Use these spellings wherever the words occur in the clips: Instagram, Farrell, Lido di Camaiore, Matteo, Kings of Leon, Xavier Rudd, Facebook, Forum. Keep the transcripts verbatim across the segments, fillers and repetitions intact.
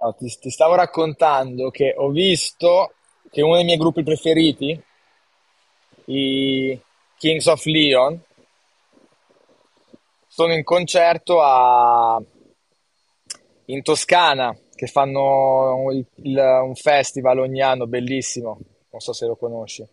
No, ti, ti stavo raccontando che ho visto che uno dei miei gruppi preferiti, i Kings of Leon, sono in concerto a- in Toscana, che fanno il- il- un festival ogni anno bellissimo, non so se lo conosci.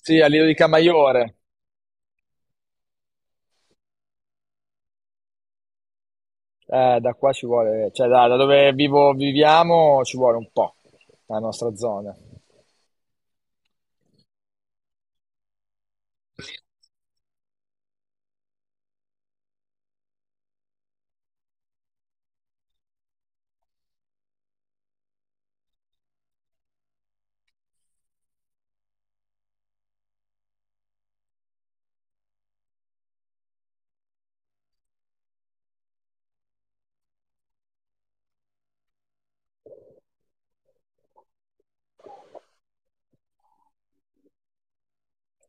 Sì, a Lido di Camaiore. Eh, da qua ci vuole, cioè da, da dove vivo, viviamo, ci vuole un po', la nostra zona.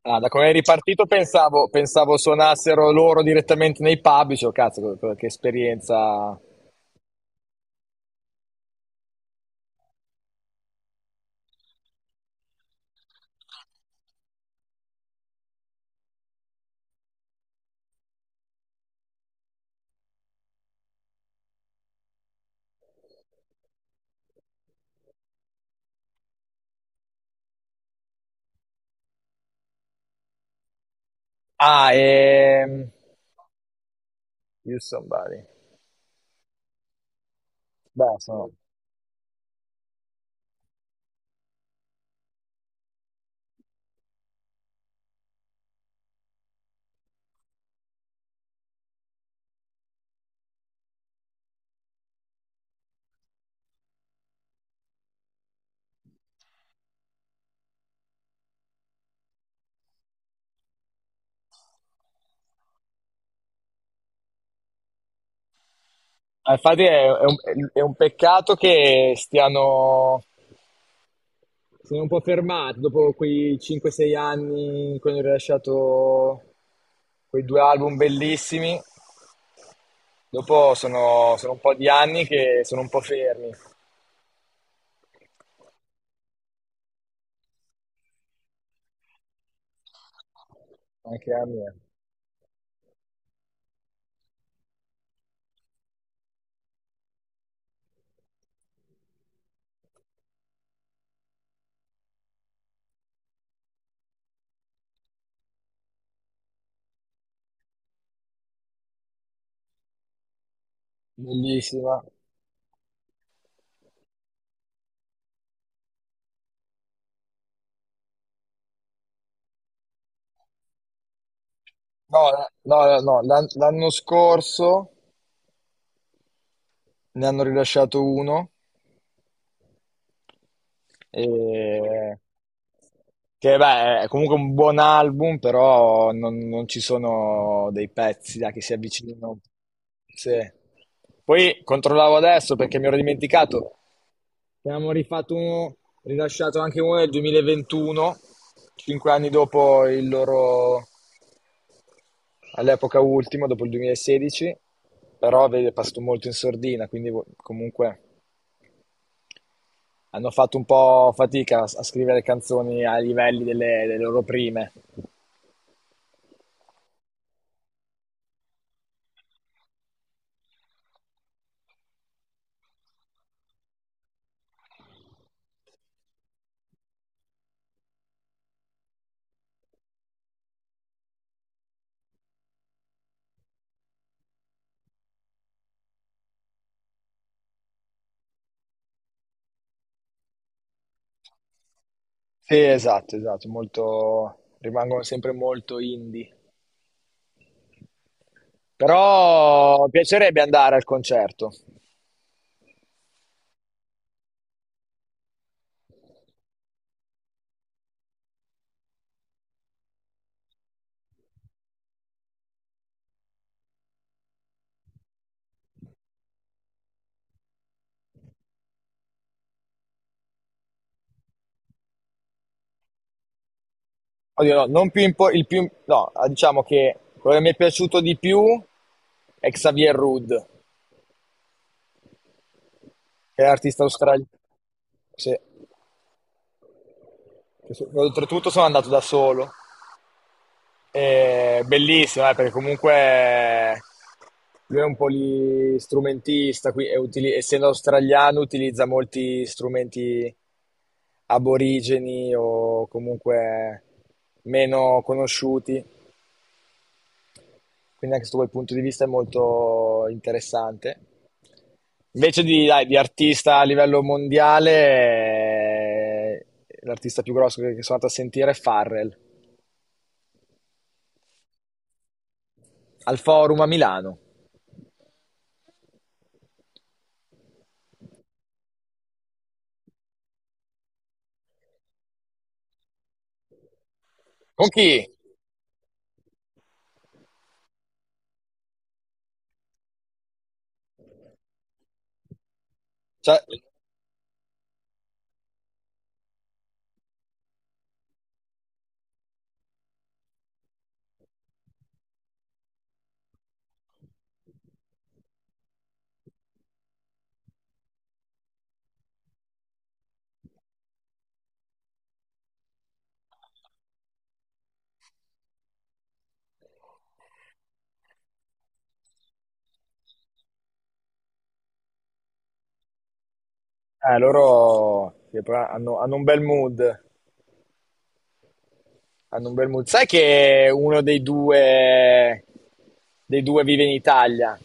Ah, da come è ripartito pensavo, pensavo suonassero loro direttamente nei pub, dicevo, cazzo, co- co- che esperienza... Ah, e... You Somebody. Beh, sono... Ah, infatti è, è un, è un peccato che stiano... Sono un po' fermati dopo quei cinque sei anni in cui hanno rilasciato quei due album bellissimi. Dopo sono, sono un po' di anni che sono un po' fermi, anche a me. Bellissima. No, no, no, no, l'an- l'anno scorso ne hanno rilasciato uno, e che beh, è comunque un buon album, però non, non ci sono dei pezzi da che si avvicinano. Sì. Poi controllavo adesso perché mi ero dimenticato. Ne abbiamo rifatto uno, rilasciato anche uno nel duemilaventuno, cinque anni dopo il loro all'epoca ultimo, dopo il duemilasedici, però vedi, è passato molto in sordina, quindi vo- comunque hanno fatto un po' fatica a, a scrivere canzoni ai livelli delle, delle loro prime. Sì, esatto, esatto, molto, rimangono sempre molto indie. Però piacerebbe andare al concerto. Oddio, no, non più impo- il più, no, diciamo che quello che mi è piaciuto di più è Xavier Rudd, che è l'artista australiano. Sì. Oltretutto sono andato da solo. E bellissimo, eh, perché comunque lui è un polistrumentista, qui, e utili- essendo australiano utilizza molti strumenti aborigeni o comunque meno conosciuti, quindi anche su quel punto di vista è molto interessante. Invece di, dai, di artista a livello mondiale, eh, l'artista più grosso che che sono andato a sentire è Farrell, al Forum a Milano. Con chi? Cioè, eh, loro sì, però hanno, hanno un bel mood, hanno un bel mood. Sai che uno dei due, dei due vive in Italia?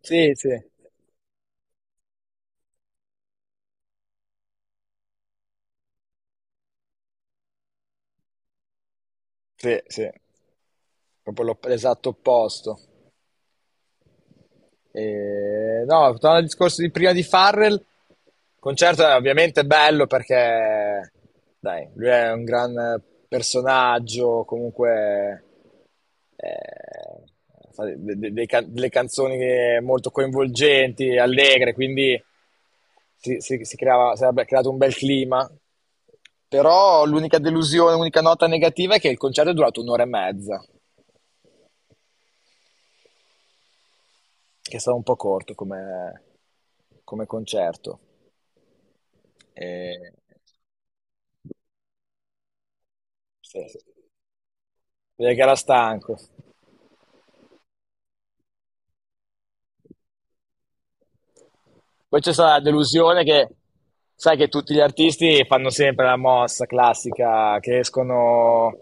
Sì, sì. Sì, sì, proprio l'op- l'esatto opposto. E, no, tornando al discorso di prima di Farrell, il concerto è ovviamente bello perché dai, lui è un gran personaggio, comunque eh, fa de- de- dei can- delle canzoni che- molto coinvolgenti, allegre, quindi si, si- si creava, si era creato un bel clima. Però l'unica delusione, l'unica nota negativa è che il concerto è durato un'ora e mezza, che è stato un po' corto come, come concerto. Eh, sì, sì. Direi che era stanco. Poi c'è stata la delusione che sai che tutti gli artisti fanno sempre la mossa classica che escono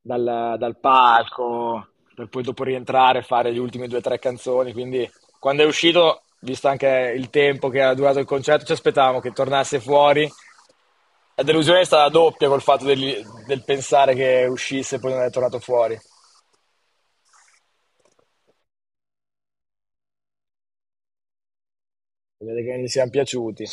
dal, dal palco per poi dopo rientrare e fare le ultime due o tre canzoni. Quindi quando è uscito, visto anche il tempo che ha durato il concerto, ci aspettavamo che tornasse fuori. La delusione è stata doppia col fatto del, del pensare che uscisse e poi non è tornato fuori. Vedete che gli siamo piaciuti.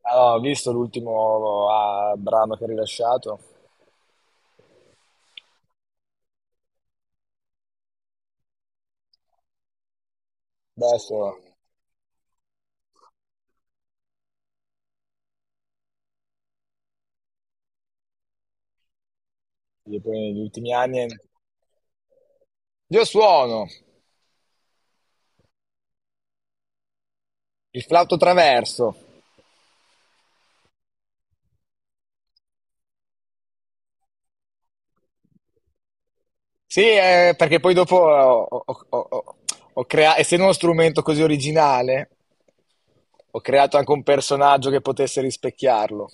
Allora, ho visto l'ultimo ah, brano che ha rilasciato, adesso, buono. E poi negli ultimi anni. Io suono il flauto traverso. Sì, eh, perché poi dopo ho, ho- ho- ho- ho crea- essendo uno strumento così originale, ho creato anche un personaggio che potesse rispecchiarlo.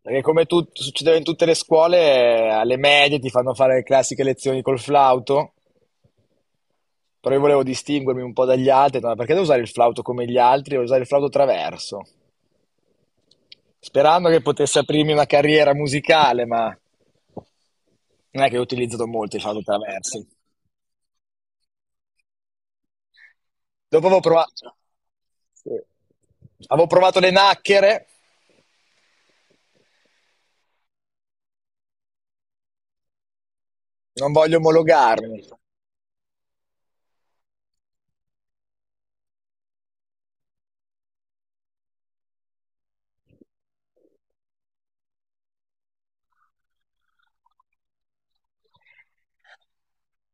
Perché come tu- succedeva in tutte le scuole, eh, alle medie ti fanno fare le classiche lezioni col flauto, però io volevo distinguermi un po' dagli altri, no, perché devo usare il flauto come gli altri, devo usare il flauto traverso. Sperando che potesse aprirmi una carriera musicale, ma non è che ho utilizzato molto i traversi. Dopo avevo provato, sì. Avevo provato le nacchere, non voglio omologarmi.